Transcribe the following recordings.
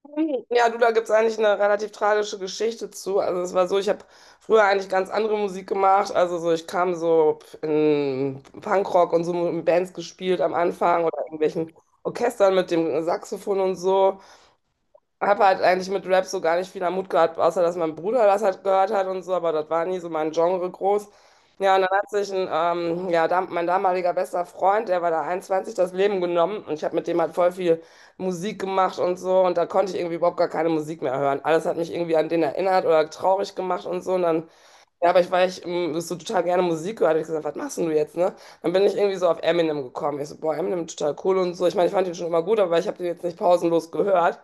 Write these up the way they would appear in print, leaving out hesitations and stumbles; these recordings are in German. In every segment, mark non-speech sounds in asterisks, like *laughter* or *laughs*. *laughs* Ja, du, da gibt es eigentlich eine relativ tragische Geschichte zu. Also es war so, ich habe früher eigentlich ganz andere Musik gemacht. Also so, ich kam so in Punkrock und so in Bands gespielt am Anfang oder in irgendwelchen Orchestern mit dem Saxophon und so. Habe halt eigentlich mit Rap so gar nicht viel am Hut gehabt, außer dass mein Bruder das halt gehört hat und so, aber das war nie so mein Genre groß. Ja, und dann hat sich ein, ja, dam mein damaliger bester Freund, der war da 21, das Leben genommen und ich habe mit dem halt voll viel Musik gemacht und so und da konnte ich irgendwie überhaupt gar keine Musik mehr hören. Alles hat mich irgendwie an den erinnert oder traurig gemacht und so und dann, ja, aber ich, war ich so total gerne Musik gehört, habe ich gesagt, was machst denn du jetzt, ne? Dann bin ich irgendwie so auf Eminem gekommen. Ich so, boah, Eminem total cool und so. Ich meine, ich fand ihn schon immer gut, aber ich habe den jetzt nicht pausenlos gehört.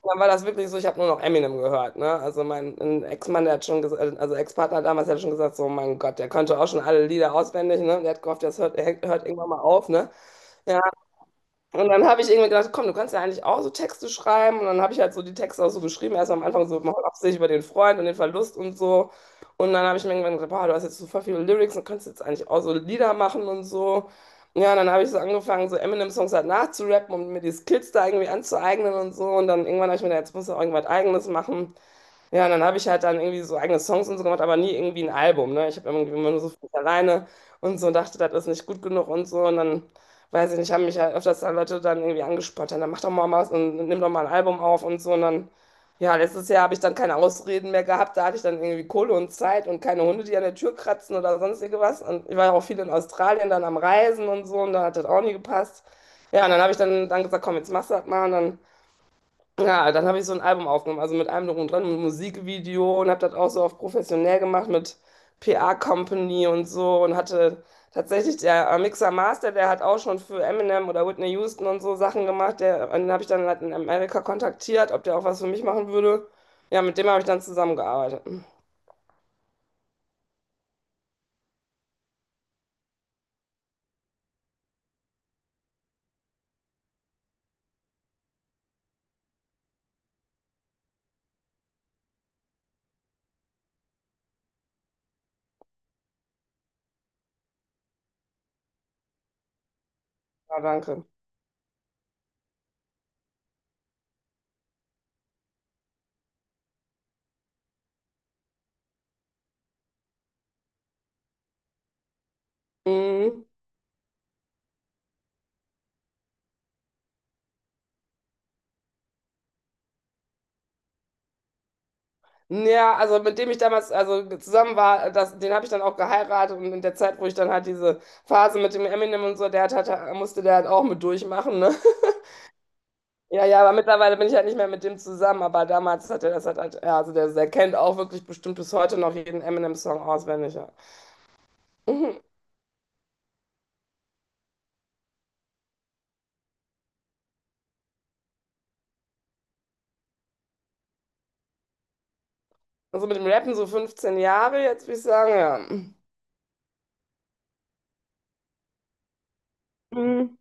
Und dann war das wirklich so, ich habe nur noch Eminem gehört, ne? Also mein ein Ex-Mann, der hat schon gesagt, also Ex-Partner damals, der hat schon gesagt, so mein Gott, der konnte auch schon alle Lieder auswendig, ne? Der hat gehofft, das hört irgendwann mal auf, ne? Ja, und dann habe ich irgendwie gedacht, komm, du kannst ja eigentlich auch so Texte schreiben. Und dann habe ich halt so die Texte auch so geschrieben. Erst am Anfang so mal hauptsächlich über den Freund und den Verlust und so. Und dann habe ich mir irgendwann gedacht, boah, du hast jetzt super viele Lyrics und kannst jetzt eigentlich auch so Lieder machen und so. Ja, und dann habe ich so angefangen, so Eminem-Songs halt nachzurappen und mir die Skills da irgendwie anzueignen und so. Und dann irgendwann habe ich mir gedacht, jetzt musst du auch irgendwas Eigenes machen. Ja, und dann habe ich halt dann irgendwie so eigene Songs und so gemacht, aber nie irgendwie ein Album, ne? Ich habe irgendwie immer nur so für mich alleine und so und dachte, das ist nicht gut genug und so. Und dann, weiß ich nicht, haben mich halt öfters dann Leute dann irgendwie angesprochen. Dann mach doch mal was und nimm doch mal ein Album auf und so. Und dann, ja, letztes Jahr habe ich dann keine Ausreden mehr gehabt, da hatte ich dann irgendwie Kohle und Zeit und keine Hunde, die an der Tür kratzen oder sonst irgendwas. Und ich war ja auch viel in Australien dann am Reisen und so und da hat das auch nie gepasst. Ja, und dann habe ich dann gesagt, komm, jetzt machst du das mal und dann. Ja, dann habe ich so ein Album aufgenommen, also mit allem drum und dran, mit Musikvideo und habe das auch so auf professionell gemacht mit PA Company und so und hatte tatsächlich der Mixer Master, der hat auch schon für Eminem oder Whitney Houston und so Sachen gemacht, der, den habe ich dann halt in Amerika kontaktiert, ob der auch was für mich machen würde. Ja, mit dem habe ich dann zusammengearbeitet. Ja, danke. Mhm. Ja, also mit dem ich damals also zusammen war, das, den habe ich dann auch geheiratet und in der Zeit, wo ich dann halt diese Phase mit dem Eminem und so, der musste der halt auch mit durchmachen, ne? *laughs* Ja, ja, aber mittlerweile bin ich halt nicht mehr mit dem zusammen, aber damals hat er das ja, also der, der kennt auch wirklich bestimmt bis heute noch jeden Eminem-Song auswendig, ja. Mhm. Also mit dem Rappen so 15 Jahre, jetzt würde ich sagen, ja. Mhm.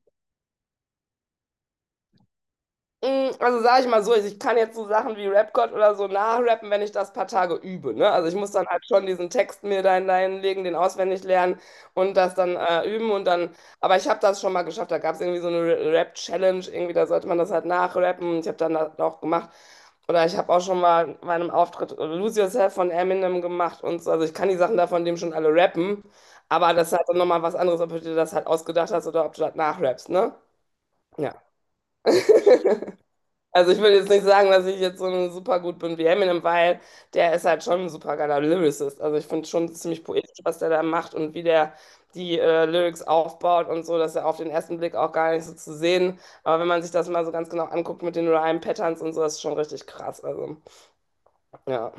Mm, also sage ich mal so, ich kann jetzt so Sachen wie Rap-God oder so nachrappen, wenn ich das paar Tage übe. Ne? Also ich muss dann halt schon diesen Text mir da hineinlegen, den auswendig lernen und das dann üben und dann, aber ich habe das schon mal geschafft. Da gab es irgendwie so eine Rap-Challenge, irgendwie, da sollte man das halt nachrappen. Ich habe dann das auch gemacht. Oder ich habe auch schon mal bei einem Auftritt Lose Yourself von Eminem gemacht und so. Also ich kann die Sachen da von dem schon alle rappen, aber das ist halt dann nochmal was anderes, ob du dir das halt ausgedacht hast oder ob du das nachrappst, ne? Ja. *laughs* Also ich will jetzt nicht sagen, dass ich jetzt so super gut bin wie Eminem, weil der ist halt schon ein super geiler Lyricist. Also ich finde schon ziemlich poetisch, was der da macht und wie der die Lyrics aufbaut und so, dass er auf den ersten Blick auch gar nicht so zu sehen. Aber wenn man sich das mal so ganz genau anguckt mit den Rhyme-Patterns und so, das ist schon richtig krass. Also ja.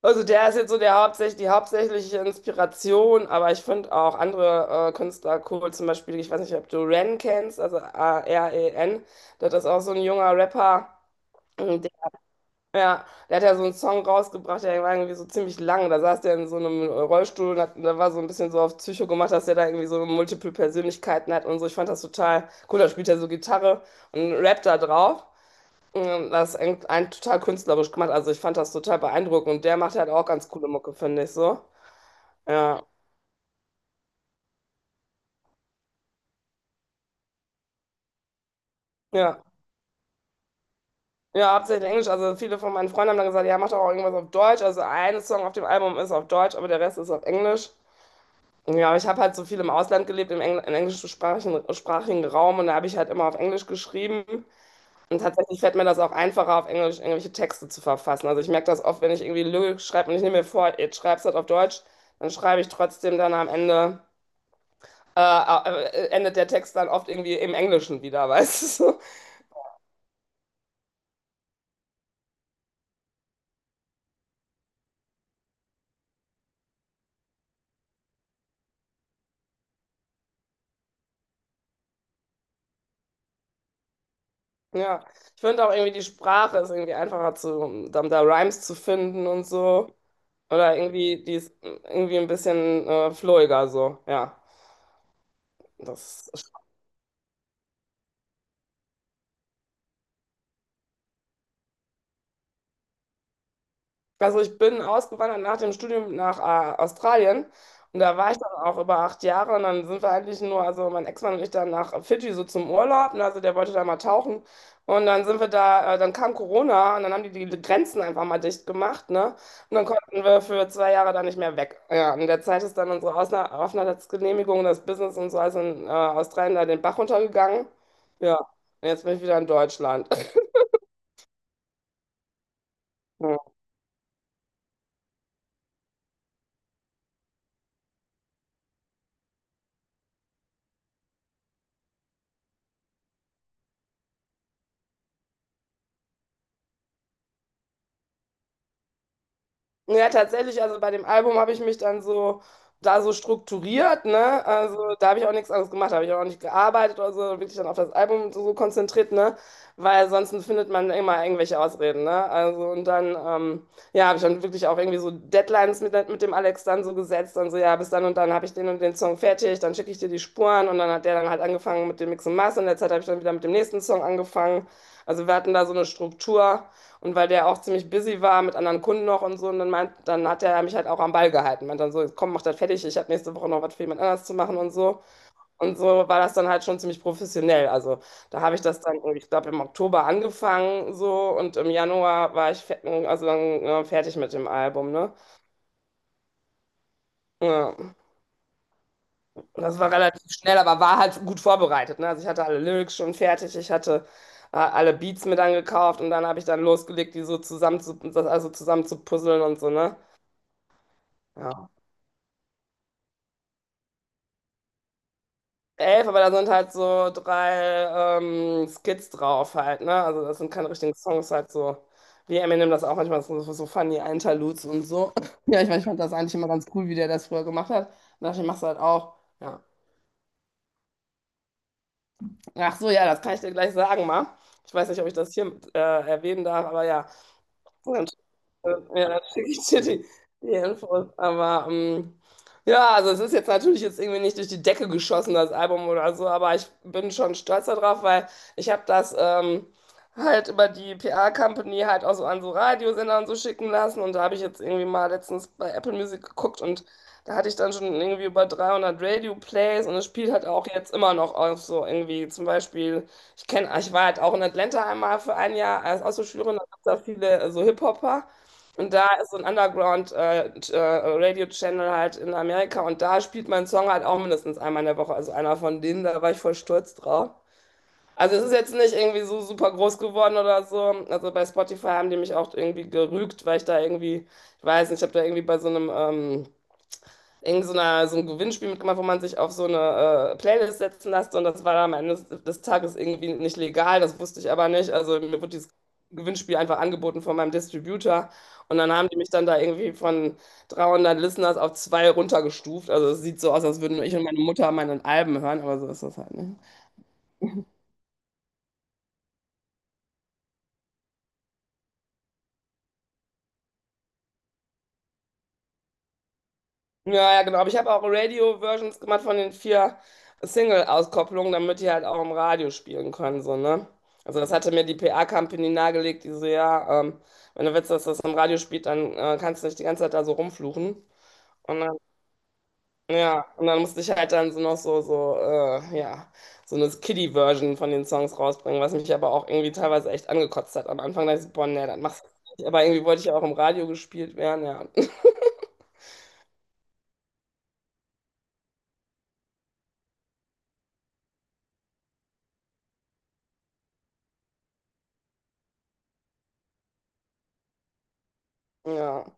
Also der ist jetzt so der hauptsächlich, die hauptsächliche Inspiration, aber ich finde auch andere Künstler cool, zum Beispiel, ich weiß nicht, ob du Ren kennst, also A-R-E-N, das ist auch so ein junger Rapper. ähm, Ja, der hat ja so einen Song rausgebracht, der war irgendwie so ziemlich lang. Da saß der in so einem Rollstuhl und hat, da war so ein bisschen so auf Psycho gemacht, dass der da irgendwie so multiple Persönlichkeiten hat und so. Ich fand das total cool. Da spielt er so Gitarre und rappt da drauf. Und das ist ein total künstlerisch gemacht. Also ich fand das total beeindruckend. Und der macht halt auch ganz coole Mucke, finde ich so. Ja, ja. Ja, hauptsächlich Englisch. Also viele von meinen Freunden haben dann gesagt, ja, mach doch auch irgendwas auf Deutsch. Also ein Song auf dem Album ist auf Deutsch, aber der Rest ist auf Englisch. Ja, aber ich habe halt so viel im Ausland gelebt, im englischsprachigen sprachigen Raum und da habe ich halt immer auf Englisch geschrieben. Und tatsächlich fällt mir das auch einfacher, auf Englisch irgendwelche Texte zu verfassen. Also ich merke das oft, wenn ich irgendwie Lyrik schreibe und ich nehme mir vor, jetzt schreibst du das auf Deutsch, dann schreibe ich trotzdem dann am Ende, endet der Text dann oft irgendwie im Englischen wieder, weißt du? *laughs* Ja, ich finde auch irgendwie die Sprache ist irgendwie einfacher zu, da Rhymes zu finden und so. Oder irgendwie, die ist irgendwie ein bisschen flowiger so, ja. Das. Also ich bin ausgewandert nach dem Studium nach Australien und da war ich dann auch über 8 Jahre und dann sind wir eigentlich nur, also mein Ex-Mann und ich dann nach Fidschi so zum Urlaub, ne, also der wollte da mal tauchen und dann sind wir da, dann kam Corona und dann haben die Grenzen einfach mal dicht gemacht, ne, und dann konnten wir für 2 Jahre da nicht mehr weg. Ja, in der Zeit ist dann unsere Ausna Aufenthaltsgenehmigung, das Business und so, also in Australien da den Bach runtergegangen. Ja, und jetzt bin ich wieder in Deutschland. *laughs* Ja, tatsächlich, also bei dem Album habe ich mich dann so da so strukturiert, ne? Also da habe ich auch nichts anderes gemacht, da habe ich auch nicht gearbeitet oder so, wirklich dann auf das Album so konzentriert, ne? Weil sonst findet man immer irgendwelche Ausreden, ne? Also und dann, ja, habe ich dann wirklich auch irgendwie so Deadlines mit dem Alex dann so gesetzt, dann so, ja, bis dann und dann habe ich den und den Song fertig, dann schicke ich dir die Spuren und dann hat der dann halt angefangen mit dem Mix und Master und in der Zeit habe ich dann wieder mit dem nächsten Song angefangen. Also wir hatten da so eine Struktur. Und weil der auch ziemlich busy war mit anderen Kunden noch und so, und dann meint, dann hat er mich halt auch am Ball gehalten. Meint dann so, komm, mach das fertig, ich habe nächste Woche noch was für jemand anders zu machen und so. Und so war das dann halt schon ziemlich professionell. Also da habe ich das dann, ich glaube, im Oktober angefangen so und im Januar war ich also dann, ja, fertig mit dem Album, ne? Ja. Und das war relativ schnell, aber war halt gut vorbereitet, ne? Also ich hatte alle Lyrics schon fertig, ich hatte alle Beats mir dann gekauft und dann habe ich dann losgelegt, die so das also zusammen zu puzzeln und so, ne? Ja. Elf, aber da sind halt so drei Skits drauf halt, ne? Also das sind keine richtigen Songs, halt so wie Eminem das auch manchmal so, so funny Interludes und so. *clears throat* *laughs* Ja, mein, ich fand das eigentlich immer ganz cool, wie der das früher gemacht hat. Und dachte, ich mach's halt auch. Ja. Ach so, ja, das kann ich dir gleich sagen, mal. Ich weiß nicht, ob ich das hier erwähnen darf, aber ja, ganz, äh, ja, dann schicke ich dir die Infos. Aber ja, also es ist jetzt natürlich jetzt irgendwie nicht durch die Decke geschossen, das Album oder so, aber ich bin schon stolz darauf, weil ich habe das halt über die PR-Company halt auch so an so Radiosender und so schicken lassen. Und da habe ich jetzt irgendwie mal letztens bei Apple Music geguckt und da hatte ich dann schon irgendwie über 300 Radio-Plays und es spielt halt auch jetzt immer noch auf so irgendwie zum Beispiel. Ich kenne, ich war halt auch in Atlanta einmal für ein Jahr als Austauschschülerin, da gab es da viele so Hip-Hopper. Und da ist so ein Underground-Radio-Channel halt in Amerika und da spielt mein Song halt auch mindestens einmal in der Woche. Also einer von denen, da war ich voll stolz drauf. Also es ist jetzt nicht irgendwie so super groß geworden oder so. Also bei Spotify haben die mich auch irgendwie gerügt, weil ich da irgendwie, ich weiß nicht, ich habe da irgendwie bei so einem so ein Gewinnspiel mitgemacht, wo man sich auf so eine Playlist setzen lässt und das war dann am Ende des Tages irgendwie nicht legal, das wusste ich aber nicht. Also mir wurde dieses Gewinnspiel einfach angeboten von meinem Distributor und dann haben die mich dann da irgendwie von 300 Listeners auf zwei runtergestuft. Also es sieht so aus, als würden nur ich und meine Mutter meine Alben hören, aber so ist das halt nicht. Ja, ja, genau. Aber ich habe auch Radio-Versions gemacht von den 4 Single-Auskopplungen, damit die halt auch im Radio spielen können, so, ne? Also das hatte mir die PR-Company nahegelegt, die so, ja, wenn du willst, dass das im Radio spielt, dann kannst du nicht die ganze Zeit da so rumfluchen. Und dann, ja, und dann musste ich halt dann so noch ja, so eine Kiddie-Version von den Songs rausbringen, was mich aber auch irgendwie teilweise echt angekotzt hat. Am Anfang da dachte ich, so, boah, nee, das machst du nicht. Aber irgendwie wollte ich ja auch im Radio gespielt werden, ja. *laughs* Ja.